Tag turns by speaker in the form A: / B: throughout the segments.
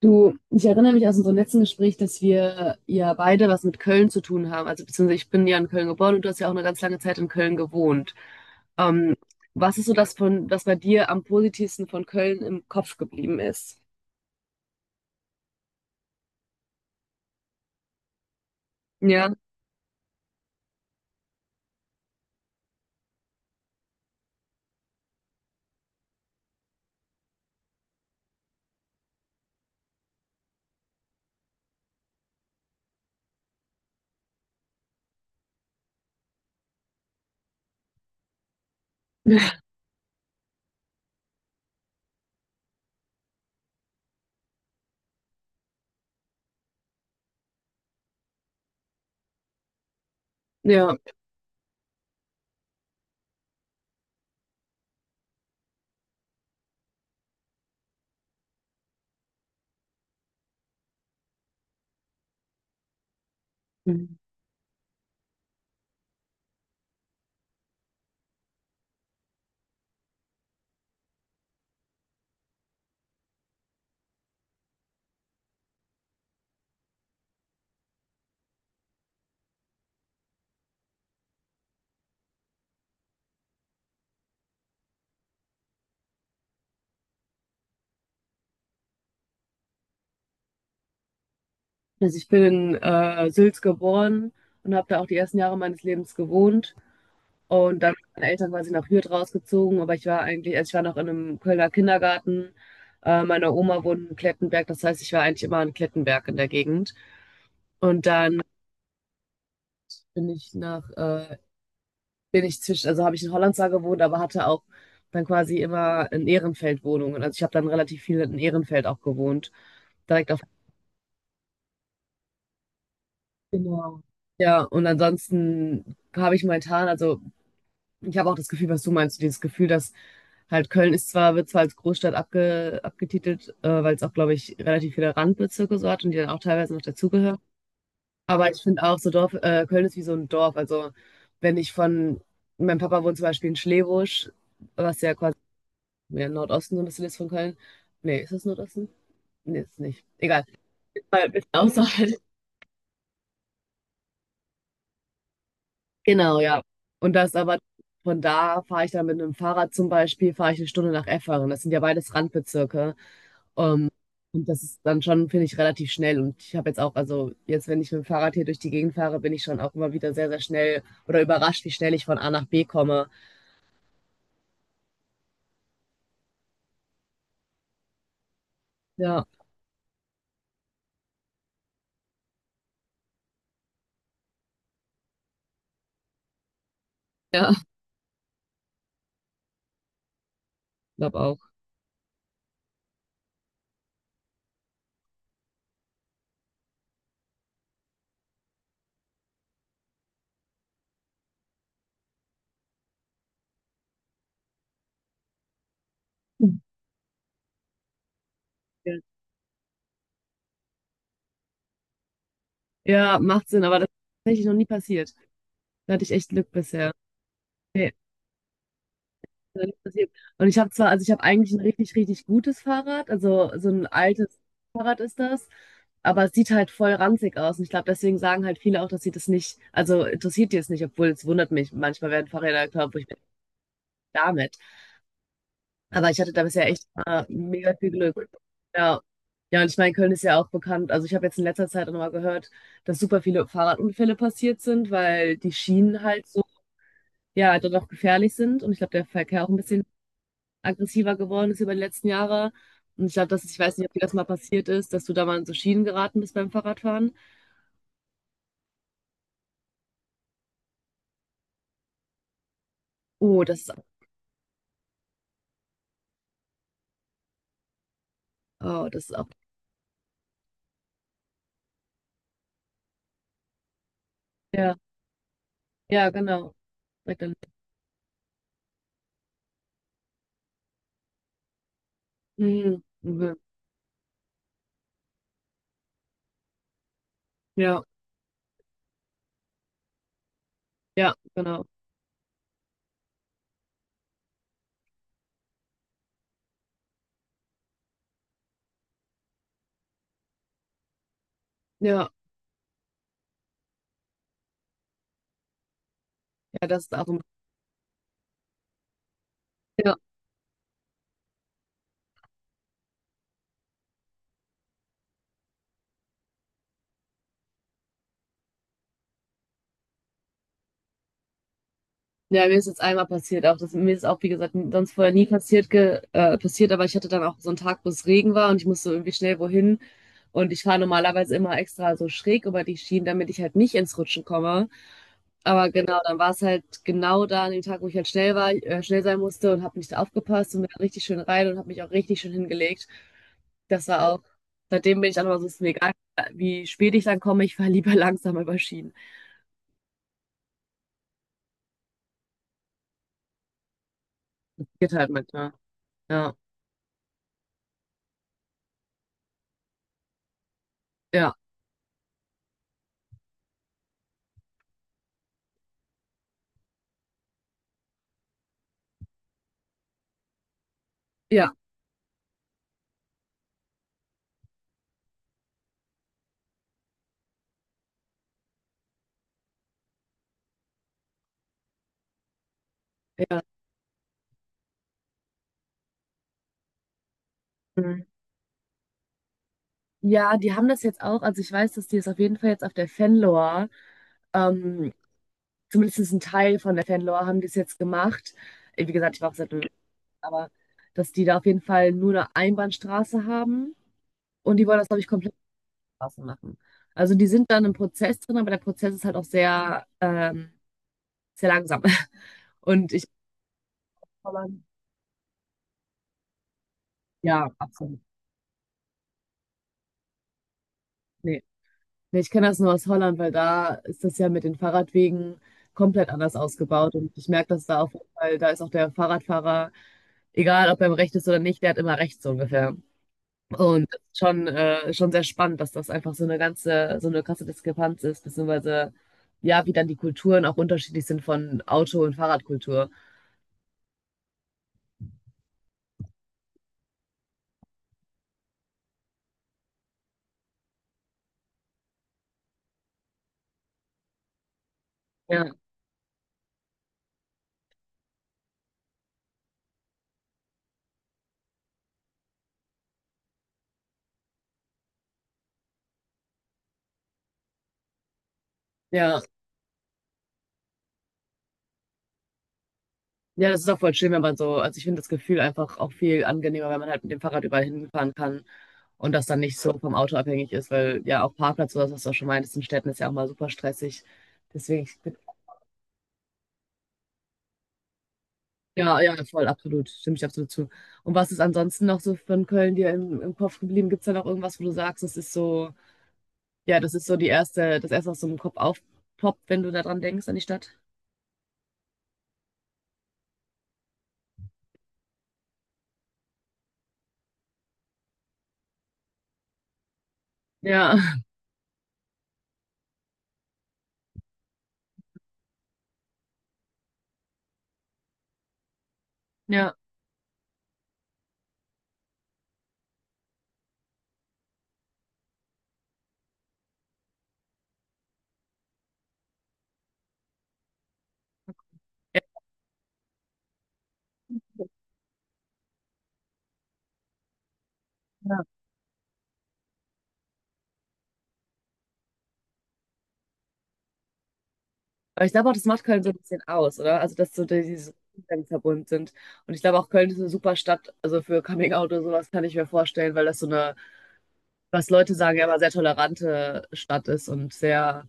A: Du, ich erinnere mich aus unserem letzten Gespräch, dass wir ja beide was mit Köln zu tun haben. Also beziehungsweise ich bin ja in Köln geboren und du hast ja auch eine ganz lange Zeit in Köln gewohnt. Ähm, Was ist so das von, was bei dir am positivsten von Köln im Kopf geblieben ist? Ja, ja. Also ich bin in Sülz geboren und habe da auch die ersten Jahre meines Lebens gewohnt. Und dann sind meine Eltern quasi nach Hürth rausgezogen, aber ich war eigentlich, also ich war noch in einem Kölner Kindergarten. Meine Oma wohnt in Klettenberg, das heißt, ich war eigentlich immer in Klettenberg in der Gegend. Und dann bin ich nach, bin ich zwischen, also habe ich in Holland zwar gewohnt, aber hatte auch dann quasi immer in Ehrenfeld Wohnungen. Also ich habe dann relativ viel in Ehrenfeld auch gewohnt. Direkt auf. Genau. Ja, und ansonsten habe ich also ich habe auch das Gefühl, was du meinst, so dieses Gefühl, dass halt Köln ist zwar, wird zwar als Großstadt abgetitelt, weil es auch, glaube ich, relativ viele Randbezirke so hat und die dann auch teilweise noch dazugehören. Aber ich finde auch, Köln ist wie so ein Dorf. Also wenn ich von, mein Papa wohnt zum Beispiel in Schlebusch, was ja quasi ja, im Nordosten so ein bisschen ist von Köln. Nee, ist das Nordosten? Nee, ist nicht. Egal. Mal ein bisschen außerhalb. Genau, ja. Und das aber Von da fahre ich dann mit einem Fahrrad zum Beispiel, fahre ich eine Stunde nach Efferen. Das sind ja beides Randbezirke. Ähm, und das ist dann schon, finde ich, relativ schnell. Und ich habe jetzt auch, also jetzt, wenn ich mit dem Fahrrad hier durch die Gegend fahre, bin ich schon auch immer wieder sehr, sehr schnell oder überrascht, wie schnell ich von A nach B komme. Ja, ja, glaube auch. Ja, macht Sinn, aber das ist tatsächlich noch nie passiert. Da hatte ich echt Glück bisher. Nee. Noch nicht passiert. Und ich habe zwar, also ich habe eigentlich ein richtig, richtig gutes Fahrrad, also so ein altes Fahrrad ist das, aber es sieht halt voll ranzig aus. Und ich glaube, deswegen sagen halt viele auch, dass sie das nicht, also interessiert die es nicht, obwohl es wundert mich. Manchmal werden Fahrräder gekauft, wo ich bin damit. Aber ich hatte da bisher echt mega viel Glück. Ja. Ja, und ich meine, Köln ist ja auch bekannt. Also ich habe jetzt in letzter Zeit auch noch mal gehört, dass super viele Fahrradunfälle passiert sind, weil die Schienen halt so, ja, dann auch gefährlich sind. Und ich glaube, der Verkehr auch ein bisschen aggressiver geworden ist über die letzten Jahre. Und ich glaube, dass ich weiß nicht, ob dir das mal passiert ist, dass du da mal in so Schienen geraten bist beim Fahrradfahren. Oh, das ist, oh, das ist auch. Ja, ja, genau. Direkt daneben. Mhm. Mhm. Ja, ja, genau. Ja, ja, das ist auch ein. Ja, mir ist jetzt einmal passiert auch. Das, mir ist auch, wie gesagt, sonst vorher nie passiert, aber ich hatte dann auch so einen Tag, wo es Regen war und ich musste irgendwie schnell wohin. Und ich fahre normalerweise immer extra so schräg über die Schienen, damit ich halt nicht ins Rutschen komme. Aber genau, dann war es halt genau da an dem Tag, wo ich halt schnell war, schnell sein musste und habe nicht aufgepasst und bin da richtig schön rein und habe mich auch richtig schön hingelegt. Das war auch, seitdem bin ich dann immer so, es ist mir egal, wie spät ich dann komme, ich fahre lieber langsam über Schienen. Geht halt manchmal. Ja, ja, ja. Ja, mhm. Ja, die haben das jetzt auch. Also ich weiß, dass die es auf jeden Fall jetzt auf der Fanlore, ähm, zumindest ein Teil von der Fanlore haben die es jetzt gemacht. Wie gesagt, ich war auch seit, aber dass die da auf jeden Fall nur eine Einbahnstraße haben und die wollen das, glaube ich, komplett Straße machen. Also die sind dann im Prozess drin, aber der Prozess ist halt auch sehr, sehr langsam. Und ich, ja, absolut. Nee. Nee, ich kenne das nur aus Holland, weil da ist das ja mit den Fahrradwegen komplett anders ausgebaut. Und ich merke das da auf jeden Fall, da ist auch der Fahrradfahrer, egal ob er im Recht ist oder nicht, der hat immer Recht, so ungefähr. Und das ist schon, schon sehr spannend, dass das einfach so eine ganze, so eine krasse Diskrepanz ist, beziehungsweise ja, wie dann die Kulturen auch unterschiedlich sind von Auto- und Fahrradkultur. Ja, ja. Ja, das ist auch voll schön, wenn man so, also ich finde das Gefühl einfach auch viel angenehmer, wenn man halt mit dem Fahrrad überall hinfahren kann. Und das dann nicht so vom Auto abhängig ist, weil ja auch Parkplatz oder was du auch schon meintest, in Städten ist ja auch mal super stressig. Deswegen, ja, ja, voll, absolut. Stimme ich absolut zu. Und was ist ansonsten noch so von Köln dir im Kopf geblieben? Gibt es da noch irgendwas, wo du sagst, das ist so, ja, das ist so das erste, was so im Kopf aufpoppt, wenn du daran denkst, an die Stadt? Ja, ja. Ja. Aber ich glaube auch, das macht Köln so ein bisschen aus, oder? Also, dass so diese Umstände verbunden sind. Und ich glaube auch, Köln ist eine super Stadt, also für Coming Out oder sowas kann ich mir vorstellen, weil das so eine was Leute sagen, ja immer sehr tolerante Stadt ist und sehr,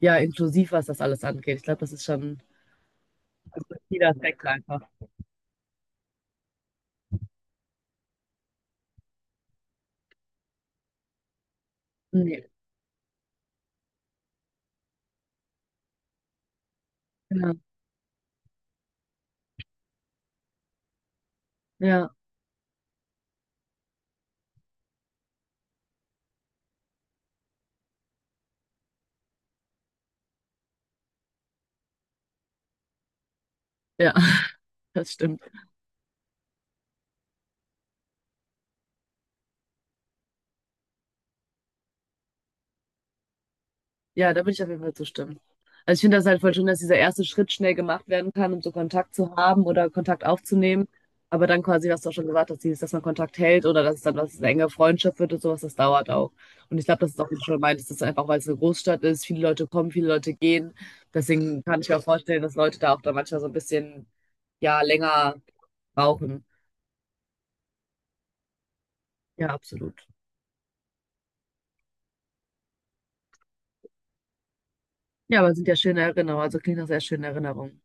A: ja, inklusiv, was das alles angeht. Ich glaube, das ist schon ein wichtiger Aspekt einfach. Nee. Ja, ja, ja, das stimmt. Ja, da würde ich auf jeden Fall zustimmen. Also ich finde das halt voll schön, dass dieser erste Schritt schnell gemacht werden kann, um so Kontakt zu haben oder Kontakt aufzunehmen. Aber dann quasi, was du auch schon gesagt hast, dieses, dass man Kontakt hält oder dass es dann was eine enge Freundschaft wird und sowas, das dauert auch. Und ich glaube, das ist auch, wie du schon meintest, das ist einfach, weil es eine Großstadt ist, viele Leute kommen, viele Leute gehen. Deswegen kann ich mir auch vorstellen, dass Leute da auch dann manchmal so ein bisschen, ja, länger brauchen. Ja, absolut. Ja, aber es sind ja schöne Erinnerungen, also klingt nach sehr schönen Erinnerungen.